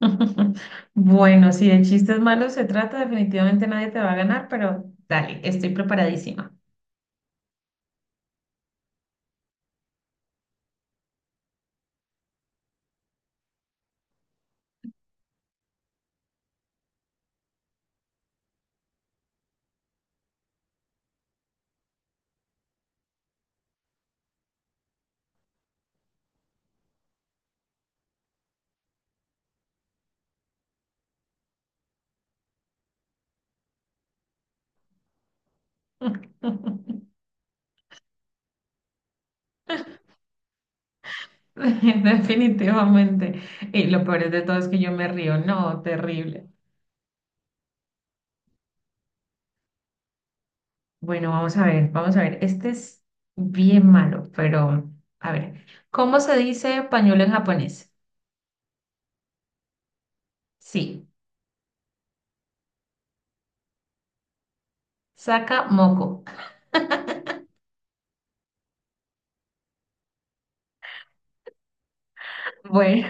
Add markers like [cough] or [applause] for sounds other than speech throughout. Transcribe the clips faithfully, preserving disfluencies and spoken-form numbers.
[laughs] Bueno, si de chistes malos se trata, definitivamente nadie te va a ganar, pero dale, estoy preparadísima. [laughs] Definitivamente. Y lo peor de todo es que yo me río. No, terrible. Bueno, vamos a ver, vamos a ver. Este es bien malo, pero a ver. ¿Cómo se dice pañuelo en japonés? Sí, saca moco. [laughs] Bueno,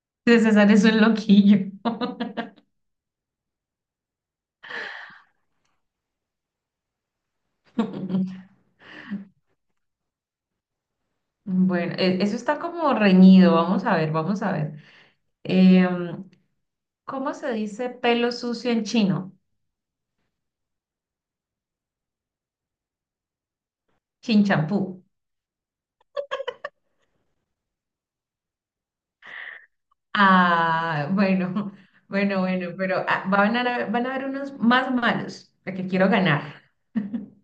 [laughs] César es un loquillo. [laughs] Bueno, e- eso está como reñido. Vamos a ver, vamos a ver. Em, ¿cómo se dice pelo sucio en chino? Chinchampú. Ah, bueno, [laughs] bueno, bueno, pero ah, van a, van a haber unos más malos, porque quiero ganar. [laughs]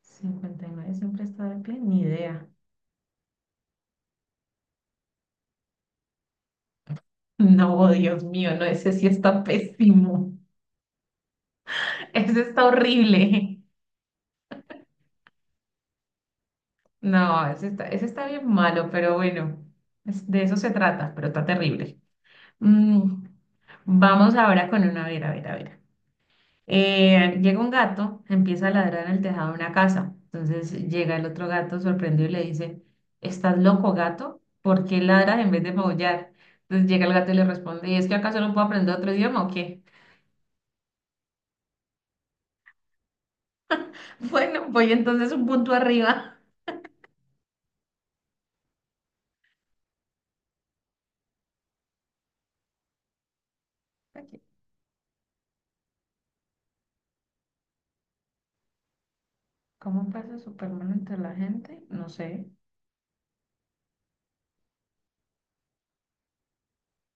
Cincuenta y nueve siempre está de pie, ni idea. No, Dios mío, no, ese sí está pésimo. [laughs] Ese está horrible. No, ese está, ese está bien malo, pero bueno, es- de eso se trata, pero está terrible. Mm, vamos ahora con una, a ver, a ver, a ver. Eh, llega un gato, empieza a ladrar en el tejado de una casa. Entonces llega el otro gato sorprendido y le dice, ¿estás loco, gato? ¿Por qué ladras en vez de maullar? Entonces llega el gato y le responde, ¿y es que acaso no puedo aprender otro idioma o qué? [laughs] Bueno, voy entonces un punto arriba. Aquí. ¿Cómo pasa Superman entre la gente? No sé.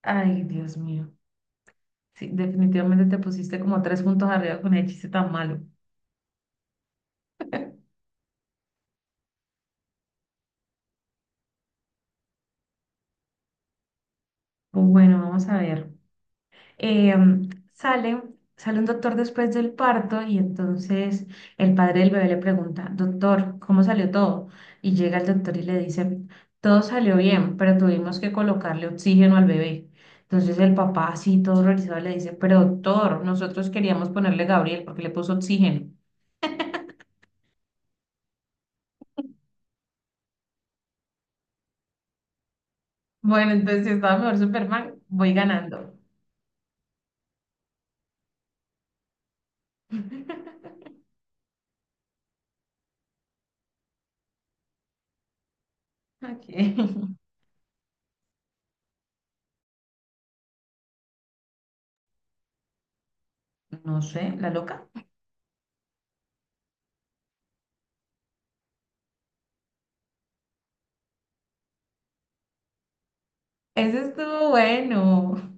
Ay, Dios mío. Sí, definitivamente te pusiste como tres puntos arriba con el chiste tan malo. Pues bueno, vamos a ver. Eh, sale, sale un doctor después del parto y entonces el padre del bebé le pregunta, doctor, ¿cómo salió todo? Y llega el doctor y le dice, todo salió bien, pero tuvimos que colocarle oxígeno al bebé. Entonces el papá, así todo horrorizado, le dice, pero doctor, nosotros queríamos ponerle Gabriel porque le puso oxígeno. Bueno, entonces si estaba mejor Superman, voy ganando. [laughs] Ok. No sé, la loca. Eso estuvo bueno.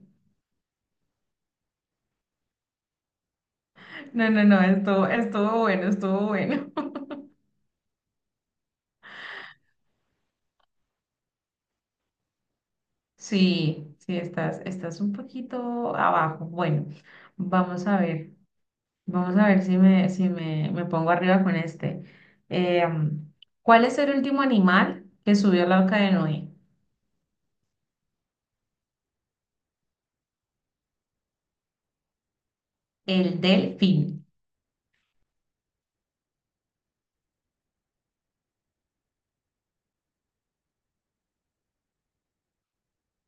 No, no, no, estuvo, estuvo bueno, estuvo bueno. [laughs] Sí, sí, estás, estás un poquito abajo. Bueno, vamos a ver, vamos a ver si me, si me, me pongo arriba con este. Em, ¿cuál es el último animal que subió al arca de Noé? El delfín.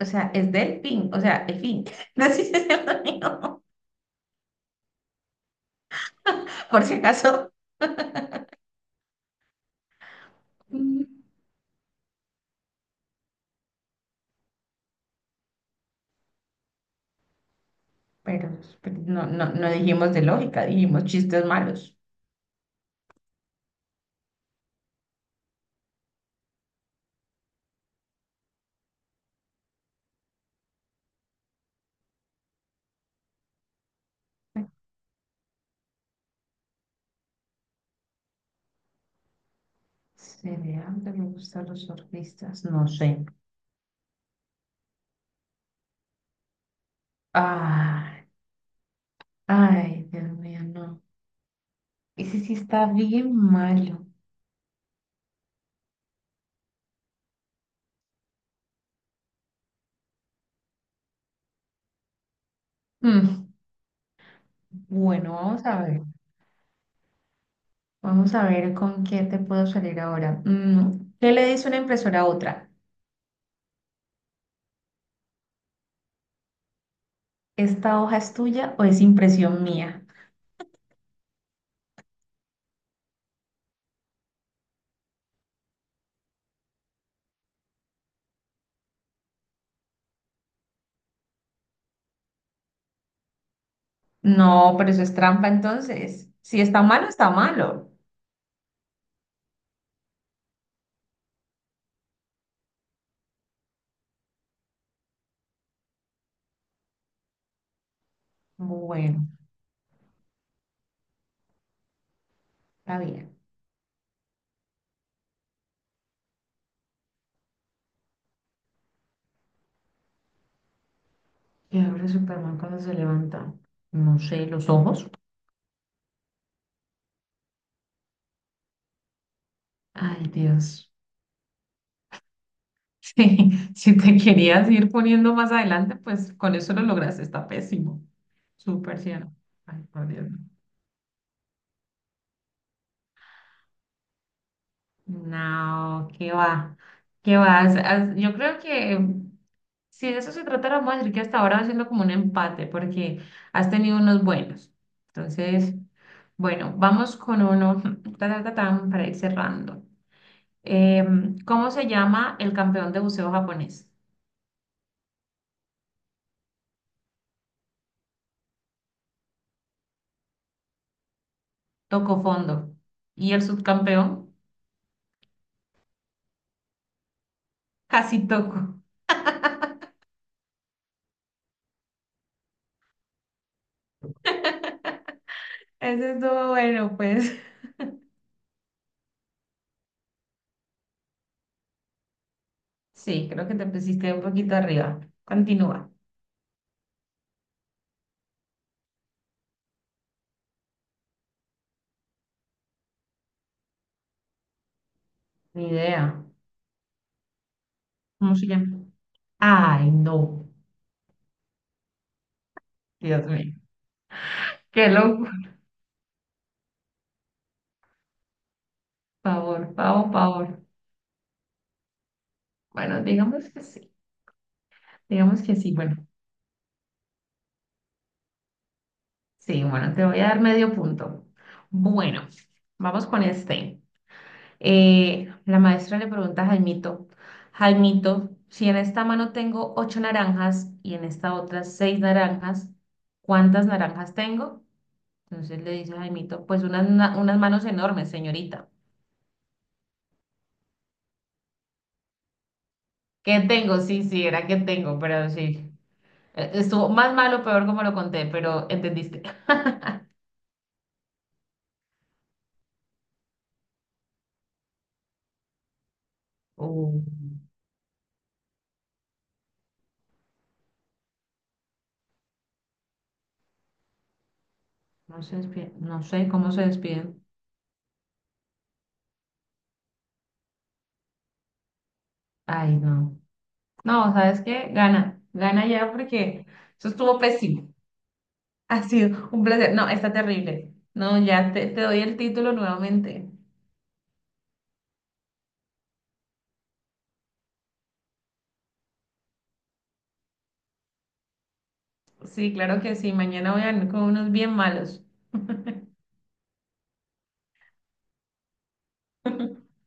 O sea, es delfín, o sea, el fin. [laughs] No sé si se llama mío, [laughs] por si acaso. Mm, Pero, pero no, no, no dijimos de lógica, dijimos chistes malos. Cereal que me gustan los surfistas, no sé. Ay, ay, Dios mío, no. Ese sí está bien malo. Mm, bueno, vamos a ver. Vamos a ver con qué te puedo salir ahora. Mm, ¿qué le dice una impresora a otra? ¿Esta hoja es tuya o es impresión mía? No, pero eso es trampa entonces. Si está malo, está malo. Bueno, está bien. ¿Qué abre Superman cuando se levanta? No sé, los ojos. Ay, Dios. Sí, [laughs] si te querías ir poniendo más adelante, pues con eso lo lograste, está pésimo. Súper ciano. Ay, por Dios. No, no, qué va, qué va. As- as- Yo creo que mm, si de eso se tratara, vamos a decir que hasta ahora va siendo como un empate, porque has tenido unos buenos. Entonces, bueno, vamos con uno, [laughs] ta, ta, ta, tan, para ir cerrando. Em, ¿cómo se llama el campeón de buceo japonés? Toco fondo. ¿Y el subcampeón? Casi toco. Eso estuvo bueno, pues. Sí, creo que te pusiste un poquito arriba. Continúa. Ni idea. ¿Cómo se llama? Ay, no. Dios mío. Qué loco. Pavor, pavor, pavor. Bueno, digamos que sí. Digamos que sí. Bueno, sí, bueno, te voy a dar medio punto. Bueno, vamos con este. Eh, la maestra le pregunta a Jaimito, Jaimito, si en esta mano tengo ocho naranjas y en esta otra seis naranjas, ¿cuántas naranjas tengo? Entonces le dice Jaimito, pues unas, na- unas manos enormes, señorita. ¿Qué tengo? Sí, sí, era que tengo, pero sí. Eh, estuvo más malo, peor como lo conté, pero entendiste. Uh, no se despide, no sé cómo se despiden. Ay, no. No, ¿sabes qué? Gana, gana ya porque eso estuvo pésimo. Ha sido un placer. No, está terrible. No, ya te, te doy el título nuevamente. Sí, claro que sí. Mañana voy a venir con unos bien malos. [laughs]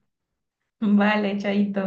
Vale, chaito.